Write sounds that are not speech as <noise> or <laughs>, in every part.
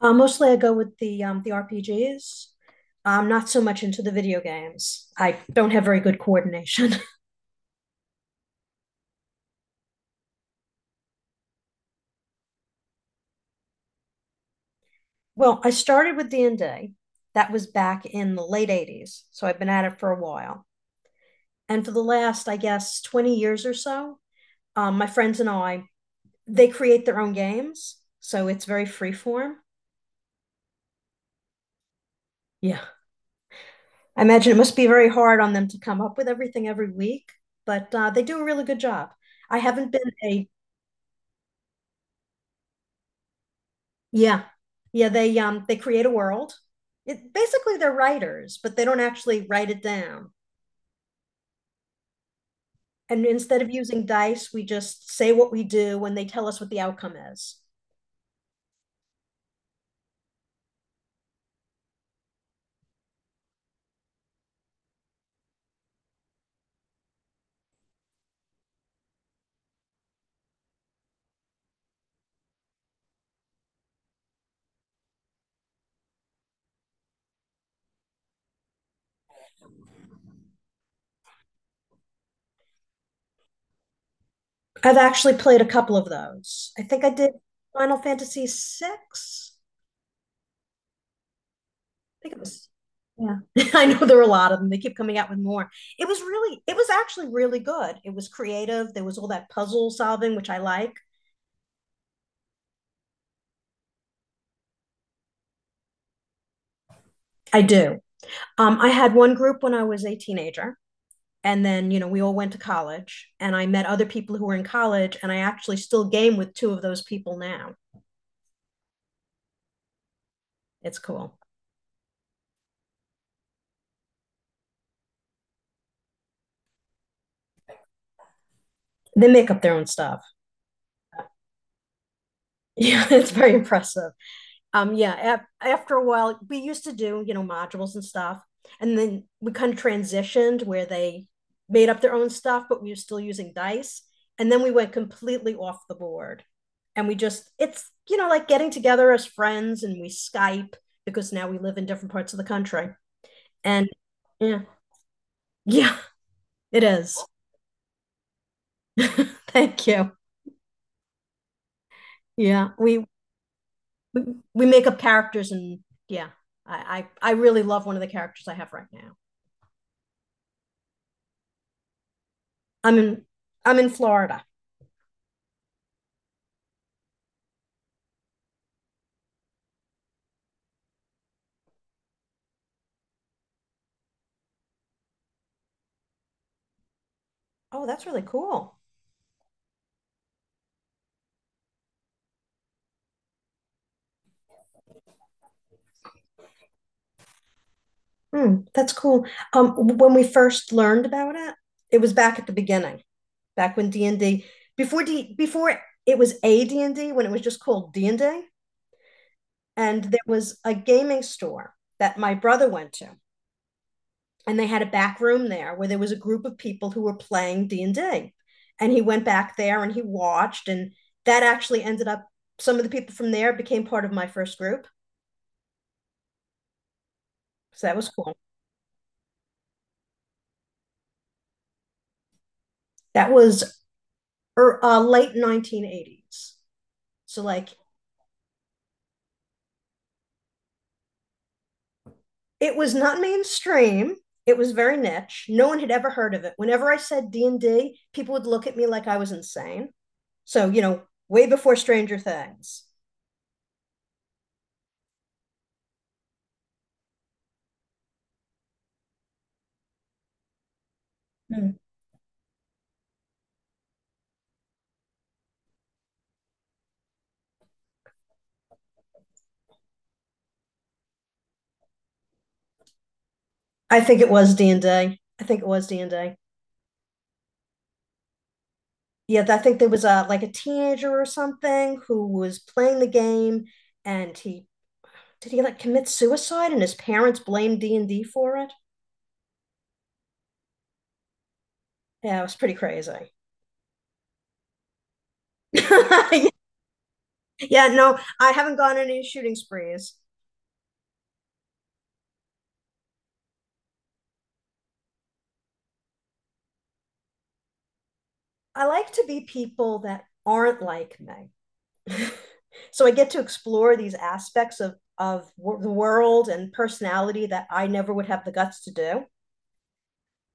Mostly I go with the RPGs. I'm not so much into the video games. I don't have very good coordination. <laughs> Well, I started with D&D. That was back in the late 80s, so I've been at it for a while. And for the last, I guess, 20 years or so, my friends and I, they create their own games, so it's very freeform. Yeah. I imagine it must be very hard on them to come up with everything every week, but they do a really good job. I haven't been a. Yeah. Yeah, they create a world. It basically they're writers, but they don't actually write it down. And instead of using dice, we just say what we do when they tell us what the outcome is. I've actually played a couple of those. I think I did Final Fantasy six. I think it was. Yeah. <laughs> I know there are a lot of them. They keep coming out with more. It was actually really good. It was creative. There was all that puzzle solving, which I like. I do. I had one group when I was a teenager, and then we all went to college, and I met other people who were in college, and I actually still game with two of those people now. It's cool. They make up their own stuff. <laughs> Yeah, it's very impressive. Yeah, after a while we used to do modules and stuff, and then we kind of transitioned where they made up their own stuff, but we were still using dice. And then we went completely off the board, and we just it's like getting together as friends, and we Skype, because now we live in different parts of the country. And yeah. Yeah, it is. <laughs> Thank you. Yeah, we we make up characters, and yeah, I really love one of the characters I have right now. I'm in I'm in Florida. Oh, that's really cool. Hmm, that's cool. When we first learned about it, it was back at the beginning, back when D and D before it was a D and D when it was just called D and D, and there was a gaming store that my brother went to, and they had a back room there where there was a group of people who were playing D&D. And he went back there and he watched, and that actually ended up some of the people from there became part of my first group, so that was cool. That was late 1980s, so like it was not mainstream. It was very niche. No one had ever heard of it. Whenever I said D&D, people would look at me like I was insane. So way before Stranger Things. Hmm. I think it was D&D. I think it was D&D. Yeah, I think there was a like a teenager or something who was playing the game, and he did he like commit suicide, and his parents blamed D&D for it? Yeah, it was pretty crazy. <laughs> Yeah, no, I haven't gone on any shooting sprees. I like to be people that aren't like me. <laughs> So I get to explore these aspects of the world and personality that I never would have the guts to do.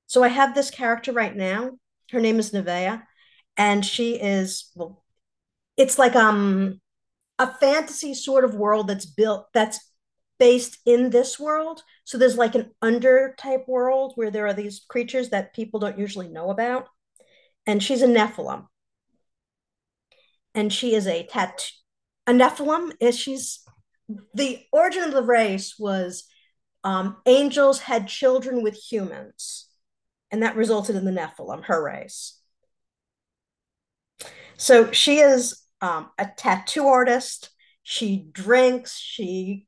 So I have this character right now. Her name is Nevaeh, and she is well, it's like a fantasy sort of world that's based in this world. So there's like an under type world where there are these creatures that people don't usually know about. And she's a Nephilim, and she is a tattoo. A Nephilim is, she's, the origin of the race was, angels had children with humans, and that resulted in the Nephilim, her race. So she is a tattoo artist. She drinks. She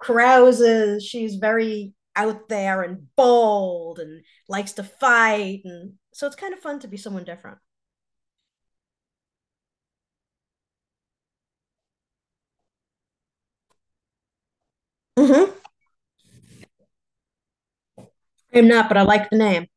carouses. She's very out there and bold, and likes to fight. And so it's kind of fun to be someone different. Mm-hmm. I'm not, but I like the name.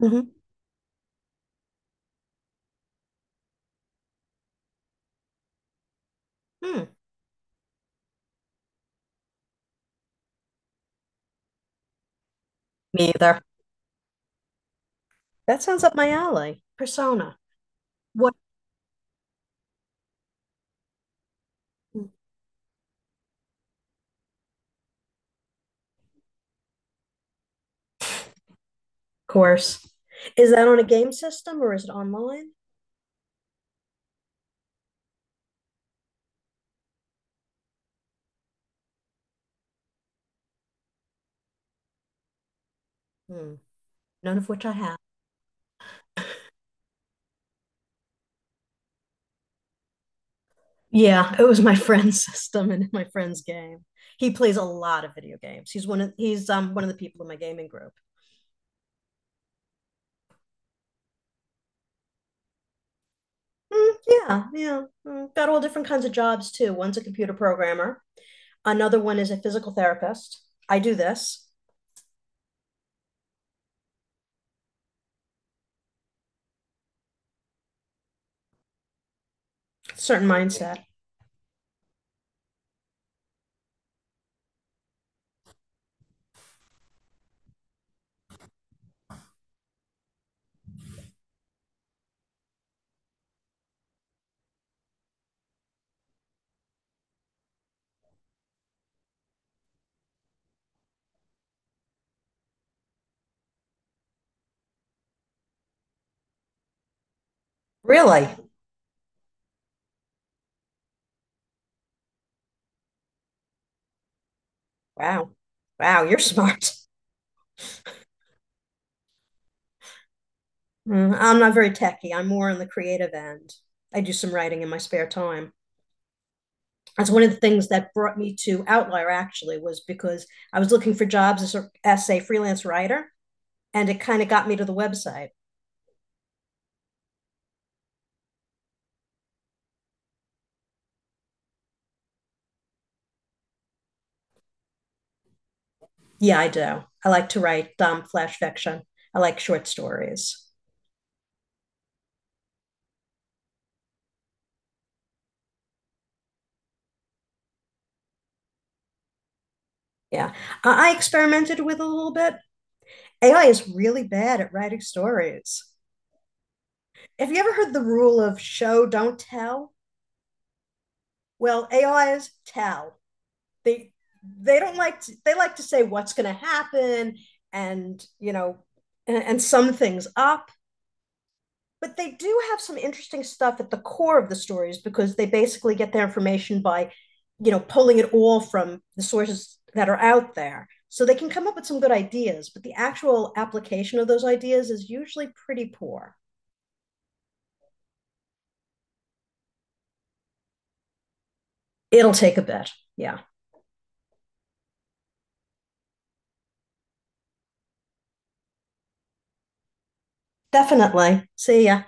Mhm. Hmm. Me either. That sounds up my alley. Persona. What course? Is that on a game system, or is it online? Hmm. None of which I have. Yeah, it was my <laughs> friend's system and my friend's game. He plays a lot of video games. He's one of the people in my gaming group. Mm, yeah, yeah. Mm, got all different kinds of jobs, too. One's a computer programmer. Another one is a physical therapist. I do this. Certain mindset. Really? Wow. Wow, you're <laughs> smart. Mm, I'm not very techy. I'm more on the creative end. I do some writing in my spare time. That's one of the things that brought me to Outlier, actually, was because I was looking for jobs as a freelance writer, and it kind of got me to the website. Yeah, I do. I like to write flash fiction. I like short stories. Yeah. I experimented with a little bit. AI is really bad at writing stories. Have you ever heard the rule of show, don't tell? Well, A is tell. They they don't like to, they like to say what's going to happen and, and sum things up. But they do have some interesting stuff at the core of the stories, because they basically get their information by pulling it all from the sources that are out there. So they can come up with some good ideas, but the actual application of those ideas is usually pretty poor. It'll take a bit. Yeah. Definitely. See ya.